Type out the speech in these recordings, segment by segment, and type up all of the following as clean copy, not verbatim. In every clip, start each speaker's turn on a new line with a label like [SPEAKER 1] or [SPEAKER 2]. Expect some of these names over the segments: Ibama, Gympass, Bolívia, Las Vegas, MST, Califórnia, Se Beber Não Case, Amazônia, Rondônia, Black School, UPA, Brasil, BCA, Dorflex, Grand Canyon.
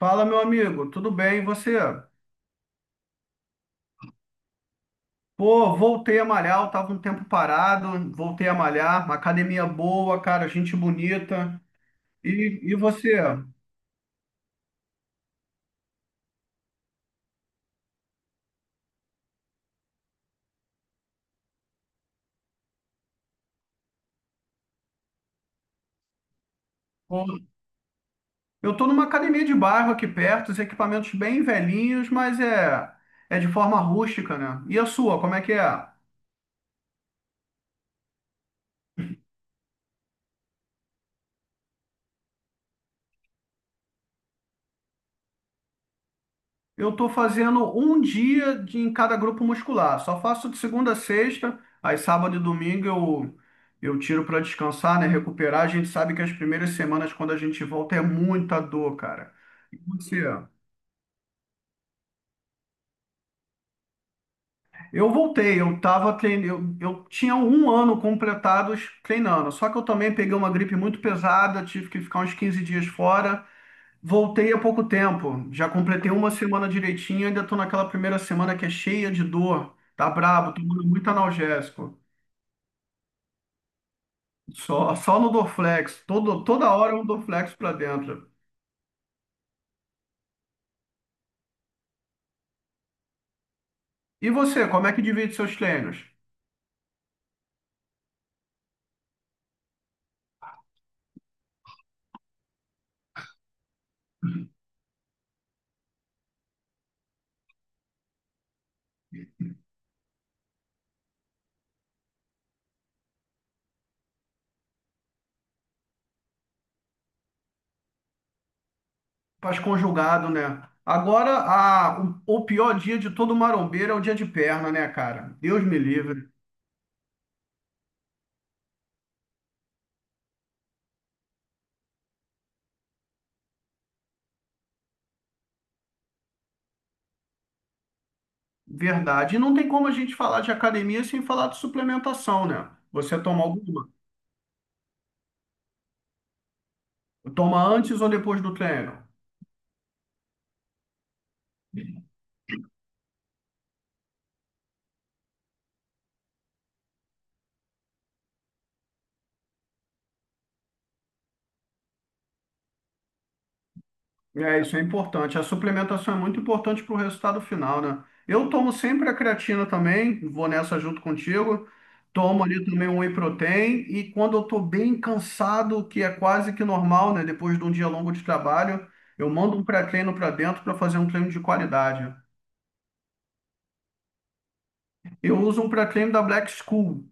[SPEAKER 1] Fala, meu amigo, tudo bem? E você? Pô, voltei a malhar, eu tava um tempo parado, voltei a malhar, uma academia boa, cara, gente bonita. E você? Pô, eu tô numa academia de bairro aqui perto, os equipamentos bem velhinhos, é de forma rústica, né? E a sua, como é que é? Eu estou fazendo um dia de, em cada grupo muscular. Só faço de segunda a sexta, aí sábado e domingo eu tiro para descansar, né? Recuperar. A gente sabe que as primeiras semanas, quando a gente volta, é muita dor, cara. E você? Eu voltei, eu tava treinando, eu tinha um ano completado treinando, só que eu também peguei uma gripe muito pesada, tive que ficar uns 15 dias fora. Voltei há pouco tempo, já completei uma semana direitinho, ainda estou naquela primeira semana que é cheia de dor, tá brabo, tomando muito analgésico. Só no Dorflex, toda hora um Dorflex para dentro. E você, como é que divide seus treinos? Faz conjugado, né? Agora, o pior dia de todo marombeiro é o dia de perna, né, cara? Deus me livre. Verdade. E não tem como a gente falar de academia sem falar de suplementação, né? Você toma alguma? Toma antes ou depois do treino? É, isso é importante. A suplementação é muito importante para o resultado final, né? Eu tomo sempre a creatina também, vou nessa junto contigo. Tomo ali também um whey protein e quando eu tô bem cansado, que é quase que normal, né? Depois de um dia longo de trabalho, eu mando um pré-treino para dentro para fazer um treino de qualidade. Eu uso um pré-treino da Black School.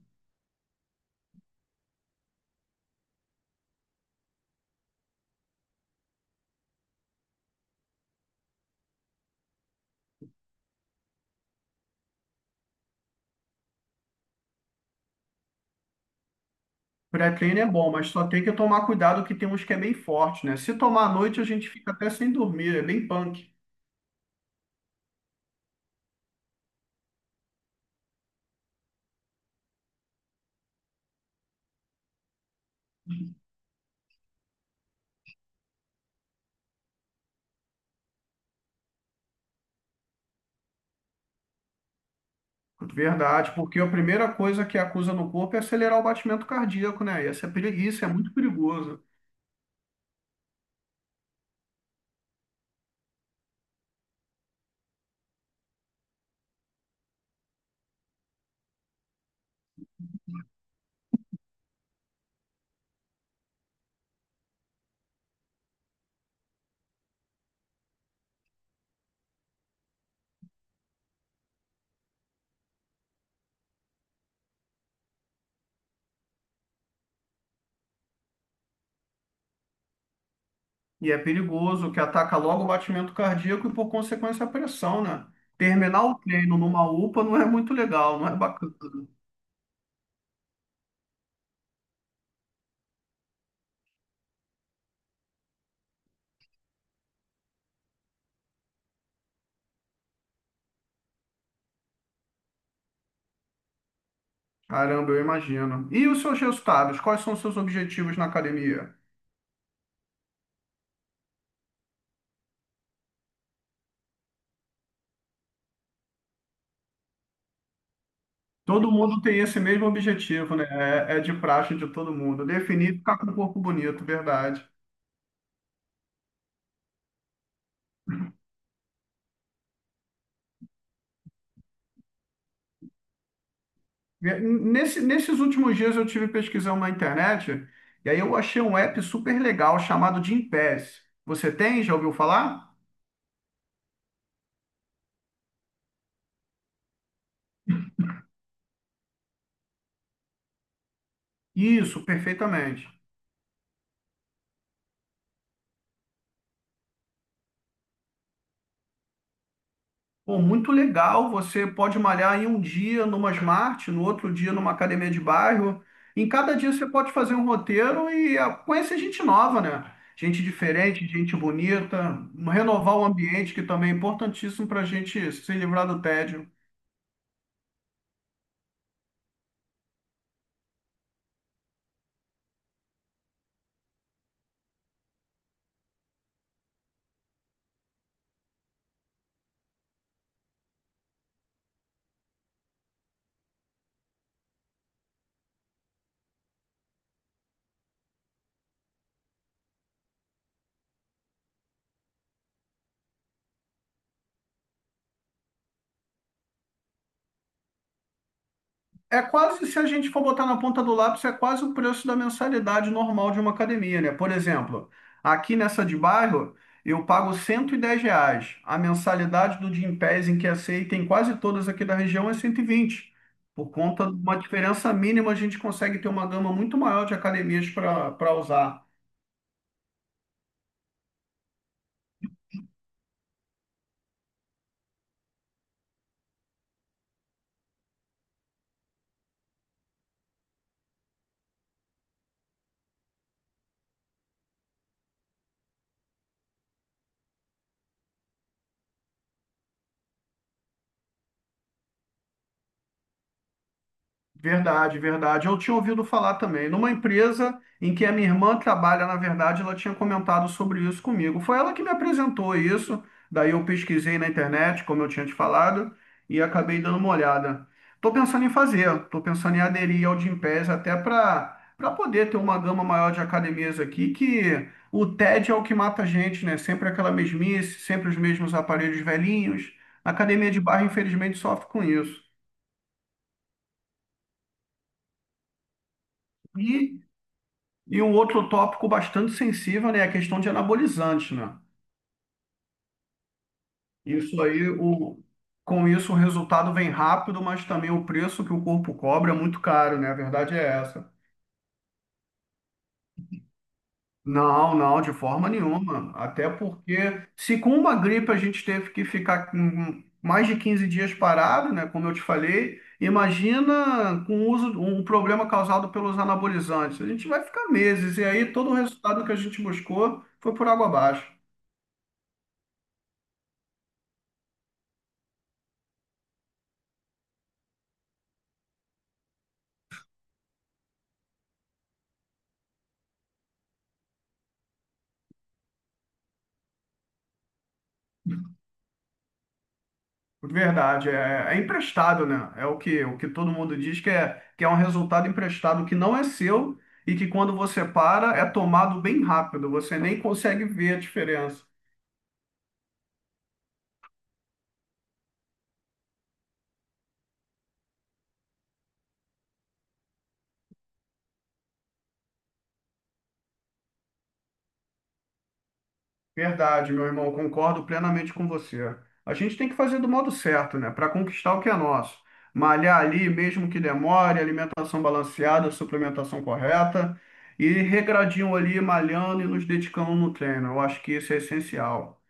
[SPEAKER 1] Pré-treino é bom, mas só tem que tomar cuidado que tem uns que é bem forte, né? Se tomar à noite, a gente fica até sem dormir, é bem punk. Verdade, porque a primeira coisa que acusa no corpo é acelerar o batimento cardíaco, né? E isso é, isso é muito perigoso. E é perigoso que ataca logo o batimento cardíaco e, por consequência, a pressão, né? Terminar o treino numa UPA não é muito legal, não é bacana. Caramba, eu imagino. E os seus resultados? Quais são os seus objetivos na academia? Todo mundo tem esse mesmo objetivo, né? É, é de praxe de todo mundo. Definir e ficar com o corpo bonito, verdade. Nesses últimos dias eu tive pesquisando na internet e aí eu achei um app super legal chamado Gympass. Você tem? Já ouviu falar? Isso, perfeitamente. Pô, muito legal. Você pode malhar em um dia numa Smart, no outro dia numa academia de bairro. Em cada dia você pode fazer um roteiro e ah, conhecer gente nova, né? Gente diferente, gente bonita, renovar o ambiente, que também é importantíssimo para a gente se livrar do tédio. É quase, se a gente for botar na ponta do lápis, é quase o preço da mensalidade normal de uma academia, né? Por exemplo, aqui nessa de bairro, eu pago R$ 110. A mensalidade do Gympass, em que aceita em quase todas aqui da região, é 120. Por conta de uma diferença mínima, a gente consegue ter uma gama muito maior de academias para usar. Verdade, verdade. Eu tinha ouvido falar também. Numa empresa em que a minha irmã trabalha, na verdade, ela tinha comentado sobre isso comigo. Foi ela que me apresentou isso. Daí eu pesquisei na internet, como eu tinha te falado, e acabei dando uma olhada. Estou pensando em fazer, estou pensando em aderir ao Gympass até para poder ter uma gama maior de academias aqui, que o TED é o que mata a gente, né? Sempre aquela mesmice, sempre os mesmos aparelhos velhinhos. A academia de bairro, infelizmente, sofre com isso. E E um outro tópico bastante sensível, né, é a questão de anabolizantes, né? Isso aí, o, com isso, o resultado vem rápido, mas também o preço que o corpo cobra é muito caro, né? A verdade é essa. Não, não, de forma nenhuma. Até porque, se com uma gripe a gente teve que ficar com mais de 15 dias parado, né? Como eu te falei, imagina com o uso, um problema causado pelos anabolizantes. A gente vai ficar meses, e aí todo o resultado que a gente buscou foi por água abaixo. Verdade, é, é emprestado, né? É o que todo mundo diz que é um resultado emprestado que não é seu e que quando você para é tomado bem rápido, você nem consegue ver a diferença. Verdade, meu irmão, concordo plenamente com você. A gente tem que fazer do modo certo, né? Para conquistar o que é nosso. Malhar ali, mesmo que demore, alimentação balanceada, suplementação correta e regradinho ali, malhando e nos dedicando no treino. Eu acho que isso é essencial.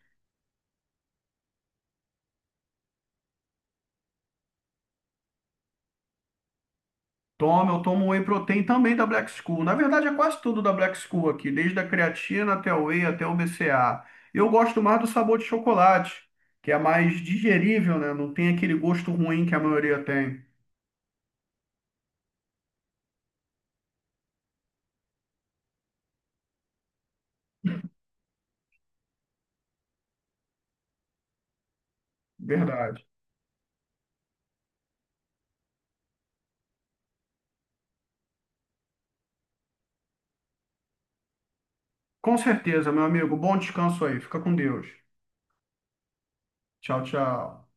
[SPEAKER 1] Tomo, eu tomo whey protein também da Black School. Na verdade, é quase tudo da Black School aqui, desde a creatina até o whey, até o BCA. Eu gosto mais do sabor de chocolate, que é mais digerível, né? Não tem aquele gosto ruim que a maioria tem. Verdade. Com certeza, meu amigo. Bom descanso aí. Fica com Deus. Tchau, tchau.